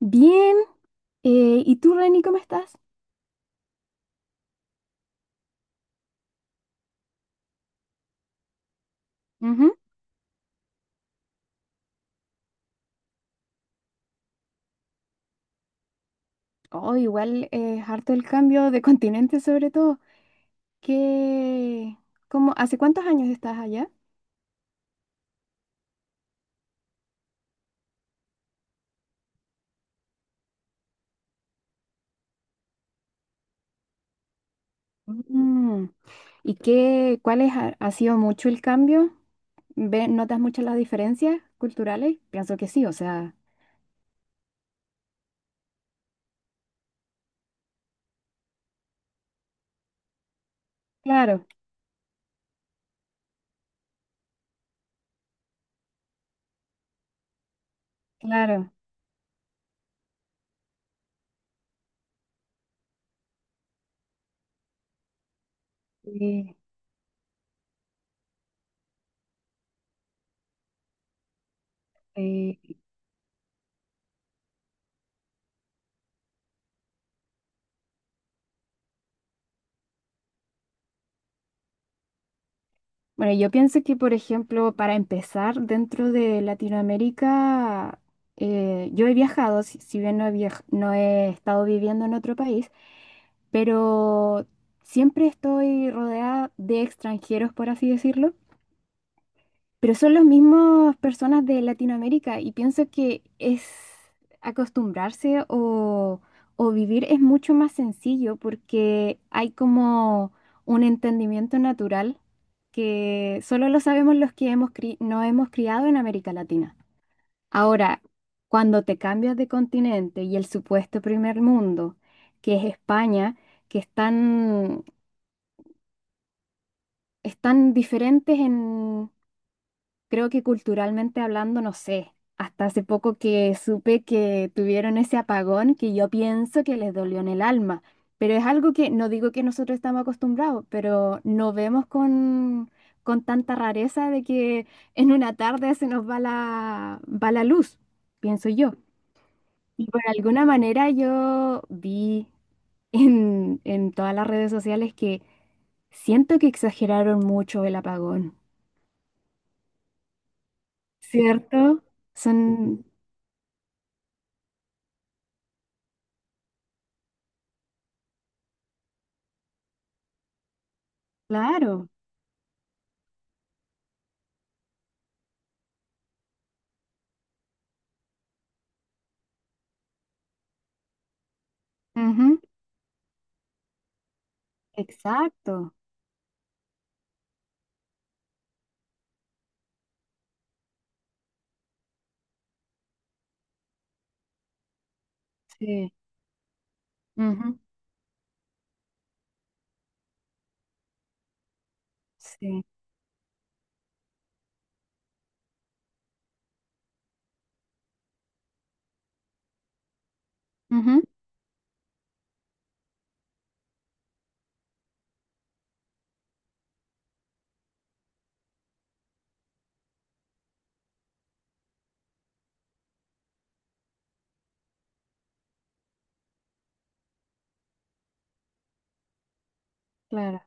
Bien, ¿y tú, Reni, cómo estás? Ujú. Oh, igual es harto el cambio de continente, sobre todo. ¿Qué, ¿hace cuántos años estás allá? Mm, ¿y cuál es, ha sido mucho el cambio? ¿Notas mucho las diferencias culturales? Pienso que sí, o sea, claro, claro. Sí, sí. Bueno, yo pienso que, por ejemplo, para empezar, dentro de Latinoamérica, yo he viajado, si bien no he, no he estado viviendo en otro país, pero siempre estoy rodeada de extranjeros, por así decirlo. Pero son los mismos personas de Latinoamérica y pienso que es acostumbrarse o vivir es mucho más sencillo porque hay como un entendimiento natural que solo lo sabemos los que nos hemos criado en América Latina. Ahora, cuando te cambias de continente y el supuesto primer mundo, que es España, que están, están diferentes. Creo que culturalmente hablando, no sé, hasta hace poco que supe que tuvieron ese apagón que yo pienso que les dolió en el alma, pero es algo que no digo que nosotros estamos acostumbrados, pero no vemos con tanta rareza de que en una tarde se nos va va la luz, pienso yo. Y por alguna manera yo vi en todas las redes sociales que siento que exageraron mucho el apagón, ¿cierto? Son... Claro, ujú, exacto. Sí, ujú, sí, ujú, claro,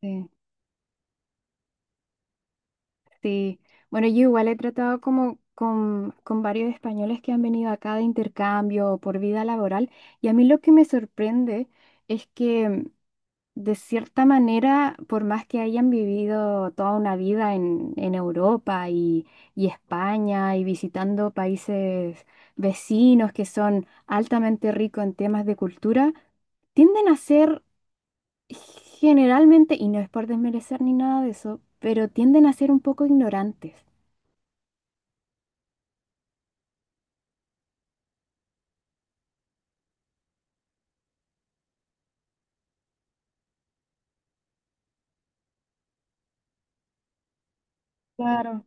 sí, sí. Bueno, yo igual he tratado como con varios españoles que han venido acá de intercambio o por vida laboral y a mí lo que me sorprende es que de cierta manera, por más que hayan vivido toda una vida en Europa y España y visitando países vecinos que son altamente ricos en temas de cultura, tienden a ser generalmente, y no es por desmerecer ni nada de eso, pero tienden a ser un poco ignorantes. Claro,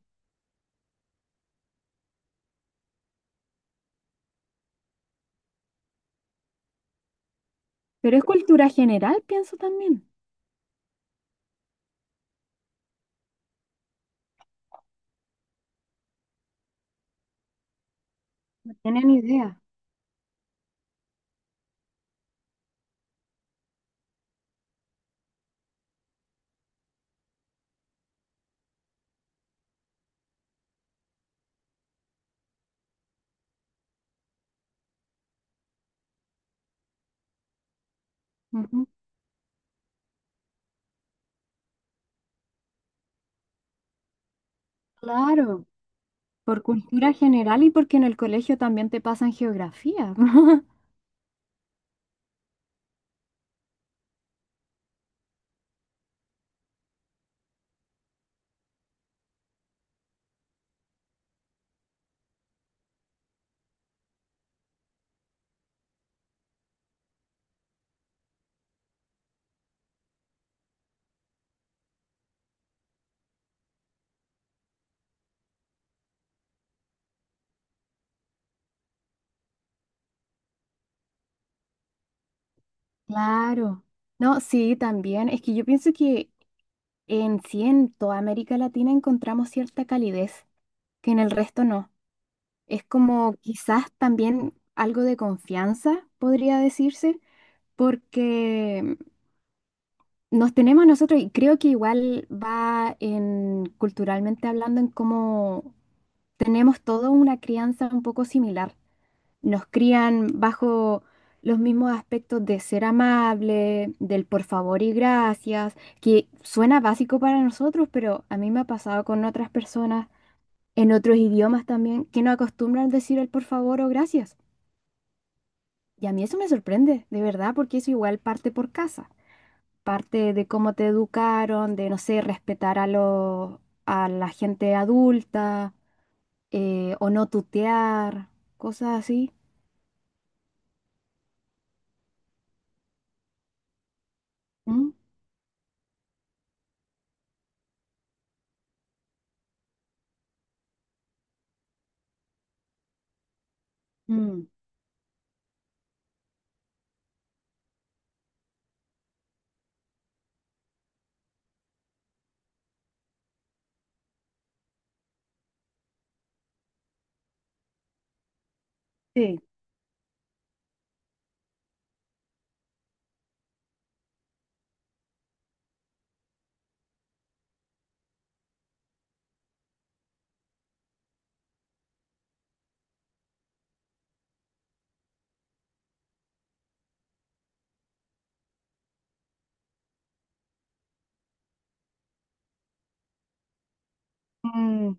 pero es cultura general, pienso también. No tienen idea. Ujú. Claro, por cultura general y porque en el colegio también te pasan geografía. Claro. No, sí, también. Es que yo pienso que en sí, en toda América Latina encontramos cierta calidez, que en el resto no. Es como quizás también algo de confianza, podría decirse, porque nos tenemos a nosotros y creo que igual va en, culturalmente hablando, en cómo tenemos toda una crianza un poco similar. Nos crían bajo los mismos aspectos de ser amable, del por favor y gracias, que suena básico para nosotros, pero a mí me ha pasado con otras personas en otros idiomas también que no acostumbran decir el por favor o gracias. Y a mí eso me sorprende, de verdad, porque eso igual parte por casa, parte de cómo te educaron, de, no sé, respetar a los, a la gente adulta, o no tutear, cosas así. ¿Mm? Mm. Sí. Mm,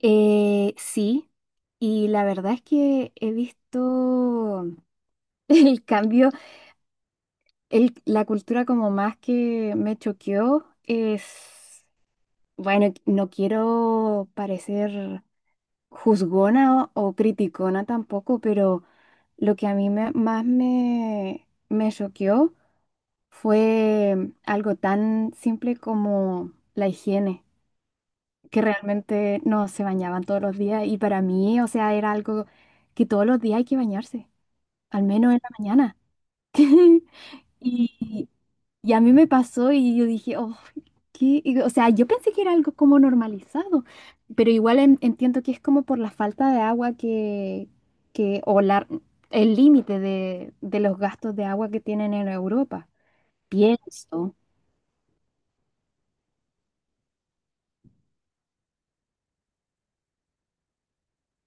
Sí, y la verdad es que he visto el cambio, la cultura como más que me choqueó es, bueno, no quiero parecer juzgona o criticona tampoco, pero lo que a mí más me, me choqueó fue algo tan simple como la higiene. Que realmente no se bañaban todos los días y para mí, o sea, era algo que todos los días hay que bañarse, al menos en la mañana. Y, y a mí me pasó y yo dije, oh, ¿qué? Y, o sea, yo pensé que era algo como normalizado, pero igual entiendo que es como por la falta de agua que o la, el límite de los gastos de agua que tienen en Europa. Pienso,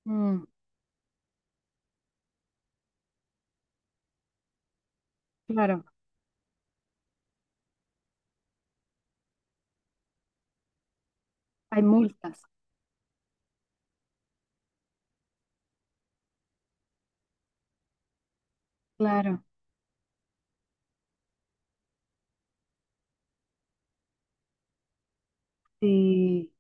mm, claro, hay multas, claro. Sí.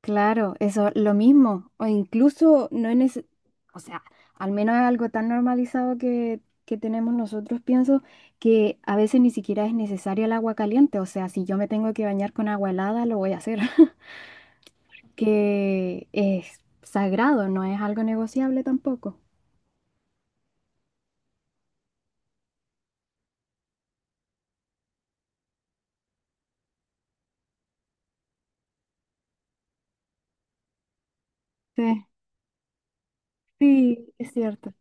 Claro, eso, lo mismo, o incluso no es, ese, o sea, al menos es algo tan normalizado que tenemos nosotros, pienso, que a veces ni siquiera es necesario el agua caliente, o sea, si yo me tengo que bañar con agua helada, lo voy a hacer, que es sagrado, no es algo negociable tampoco. Sí, sí, es cierto.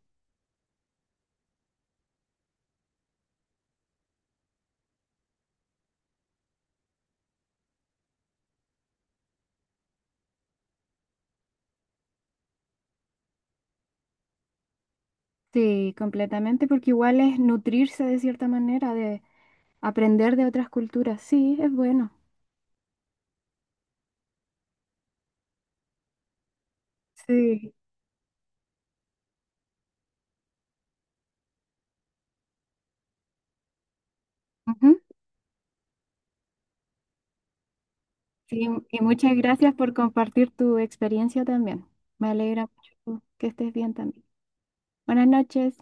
Sí, completamente, porque igual es nutrirse de cierta manera, de aprender de otras culturas, sí, es bueno. Sí. Sí, y muchas gracias por compartir tu experiencia también. Me alegra mucho que estés bien también. Buenas noches.